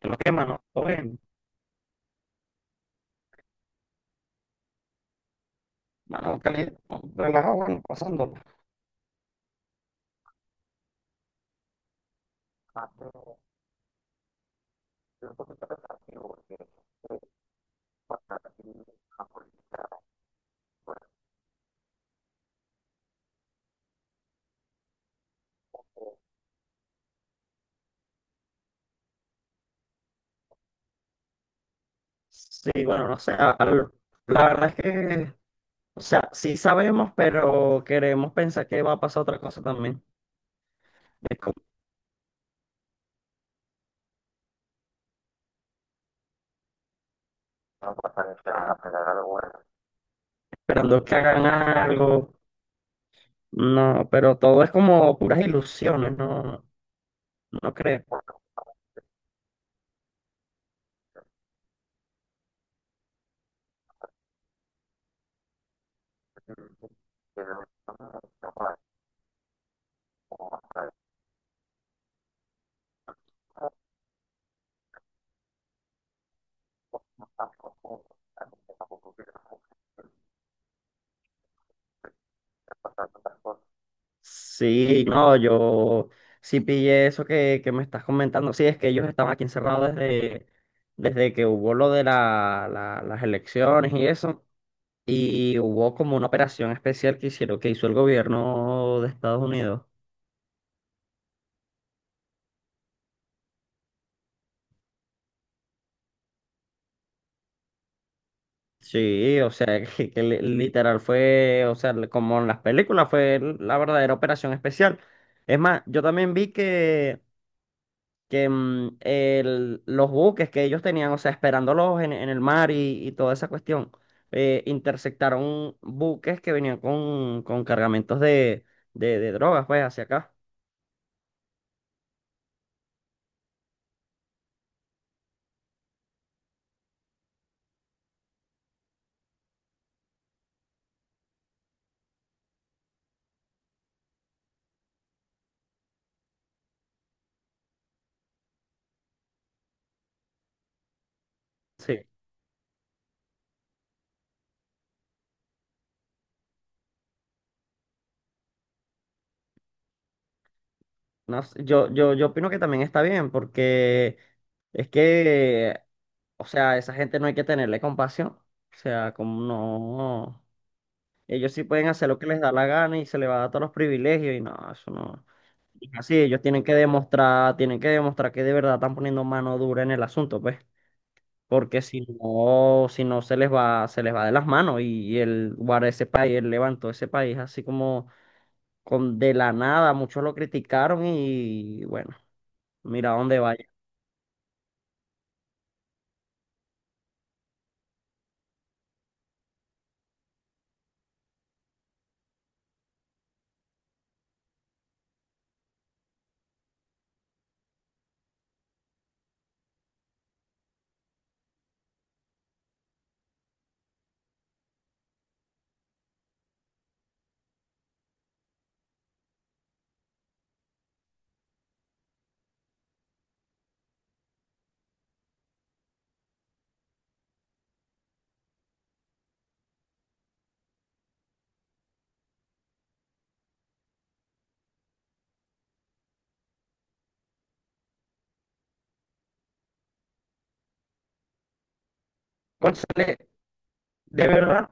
Pero que, mano, todo bien, mano, caliente, ¿no? Relajado, bueno, pasándola. Ah, pero yo creo que está pensativo, porque, eh, para ti, la política. Sí, bueno, no sé, la verdad es que, o sea, sí sabemos, pero queremos pensar que va a pasar otra cosa también. Es como, no, pues, para que hagan algo bueno. Esperando que hagan algo, no, pero todo es como puras ilusiones, no, no creo. Porque, no, no, tampoco- tampoco quiero tantas cosas. Sí, no, yo sí pillé eso que me estás comentando. Sí, es que ellos estaban aquí encerrados desde, desde que hubo lo de las elecciones y eso. Y hubo como una operación especial que hicieron, que hizo el gobierno de Estados Unidos. Sí, o sea, que, literal fue, o sea, como en las películas, fue la verdadera operación especial. Es más, yo también vi que mm, los buques que ellos tenían, o sea, esperándolos en el mar y toda esa cuestión, interceptaron buques que venían con cargamentos de, de drogas, pues, hacia acá. Sí. No sé, yo opino que también está bien, porque es que, o sea, a esa gente no hay que tenerle compasión. O sea, como no, ellos sí pueden hacer lo que les da la gana y se les va a dar todos los privilegios y no, eso no. Así, ellos tienen que demostrar que de verdad están poniendo mano dura en el asunto, pues, porque si no, si no se les va, se les va de las manos y el guarda ese país, él levantó ese país así como con de la nada, muchos lo criticaron y bueno, mira a dónde vaya. De verdad,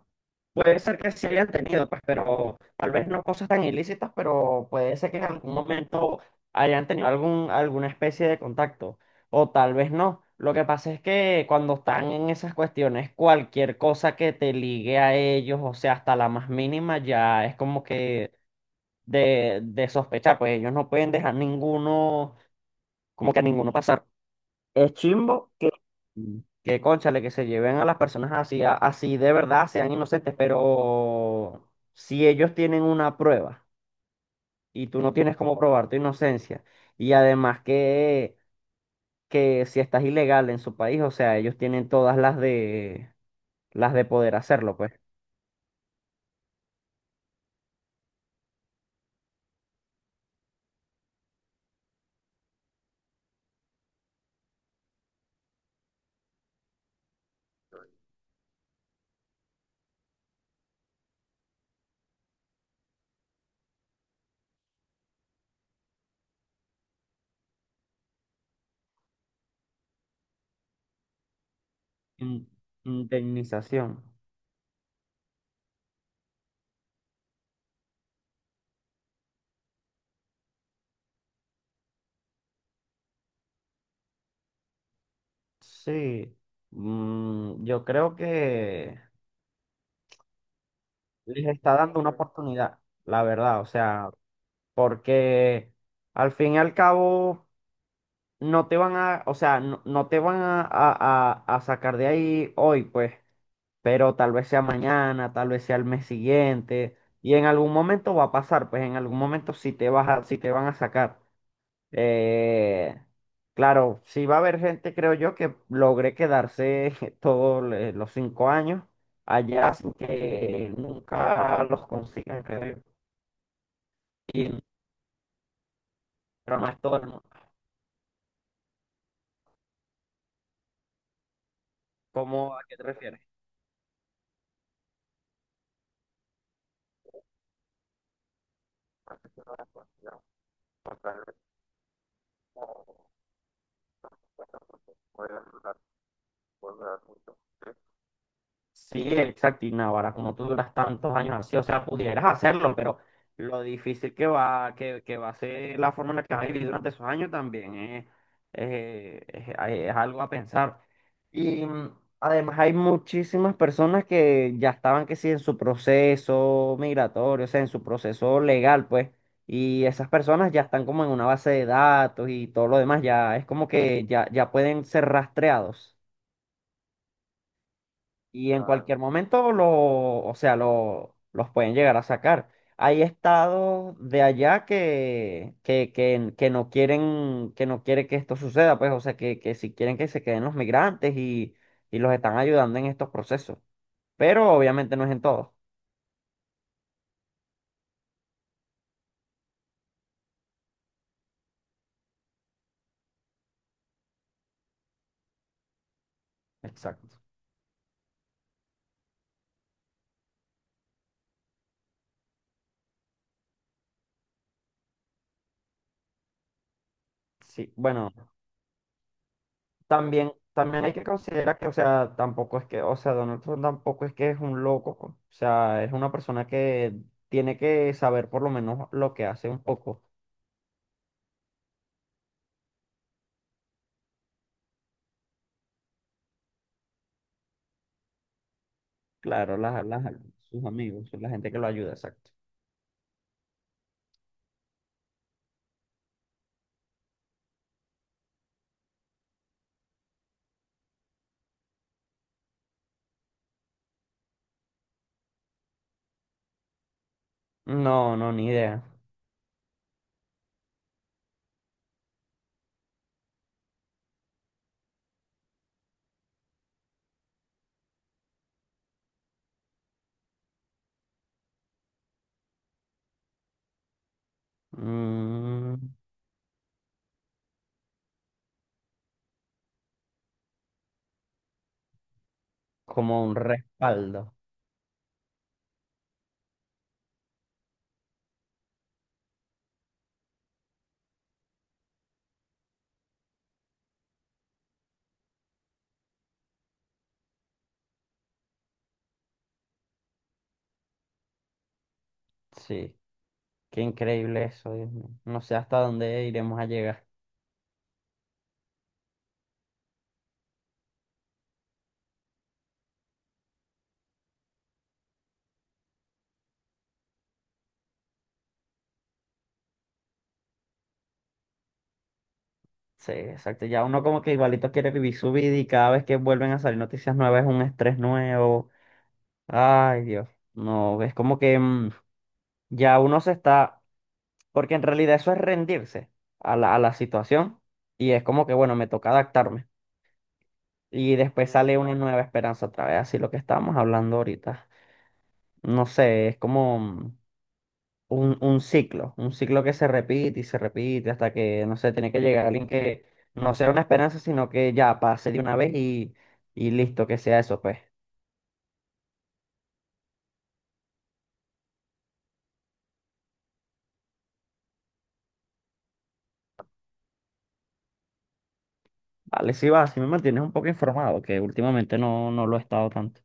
puede ser que sí hayan tenido, pues, pero tal vez no cosas tan ilícitas, pero puede ser que en algún momento hayan tenido algún, alguna especie de contacto, o tal vez no. Lo que pasa es que cuando están en esas cuestiones, cualquier cosa que te ligue a ellos, o sea, hasta la más mínima, ya es como que de sospechar, pues ellos no pueden dejar ninguno, como que a ninguno pasar. Es chimbo que cónchale, que se lleven a las personas así, así de verdad, sean inocentes, pero si ellos tienen una prueba y tú no tienes cómo probar tu inocencia, y además que si estás ilegal en su país, o sea, ellos tienen todas las de poder hacerlo, pues. In- Indemnización. Sí, mm, yo creo que les está dando una oportunidad, la verdad, o sea. Porque al fin y al cabo no te van a, o sea, no te van a, a sacar de ahí hoy, pues, pero tal vez sea mañana, tal vez sea el mes siguiente, y en algún momento va a pasar, pues en algún momento sí te vas a, sí te van a sacar. Eh, claro, sí va a haber gente, creo yo, que logre quedarse todos los 5 años allá sin que nunca los consigan, creo yo. Y, pero no es todo el mundo. ¿Cómo, a qué te refieres? Por eso, la consideramos contrarrestar en encuentros que pueden durar mucho. Sí, exacto. Y Navarra, como tú duras tantos años así, o sea, pudieras hacerlo, pero lo difícil que va, que va a ser la forma en la que vas a vivir durante esos años también es, es algo a pensar. Y mm, además hay muchísimas personas que ya estaban que sí en su proceso migratorio, o sea, en su proceso legal, pues, y esas personas ya están como en una base de datos y todo lo demás, ya es como que ya, ya pueden ser rastreados y en ah, cualquier momento lo, o sea, lo, los pueden llegar a sacar. Hay estados de allá que no quieren, que no quiere que esto suceda, pues, o sea, que si quieren que se queden los migrantes y los están ayudando en estos procesos. Pero obviamente no es en todos. Exacto. Sí, bueno, también, también hay que considerar que, o sea, tampoco es que, o sea, Donald Trump tampoco es que es un loco, pues. O sea, es una persona que tiene que saber por lo menos lo que hace un poco. Claro, sus amigos, la gente que lo ayuda, exacto. No, no, ni idea. Mm, como un respaldo. Sí, qué increíble eso, Dios mío. No sé hasta dónde iremos a llegar. Sí, exacto. Ya uno como que igualito quiere vivir su vida y cada vez que vuelven a salir noticias nuevas es un estrés nuevo. Ay, Dios. No, es como que mm, ya uno se está, porque en realidad eso es rendirse a la situación y es como que, bueno, me toca adaptarme. Y después sale una nueva esperanza otra vez, así lo que estábamos hablando ahorita. No sé, es como un ciclo que se repite y se repite hasta que, no sé, tiene que llegar alguien que no sea una esperanza, sino que ya pase de una vez y listo, que sea eso, pues. Vale, sí va, si me mantienes un poco informado, que últimamente no, no lo he estado tanto.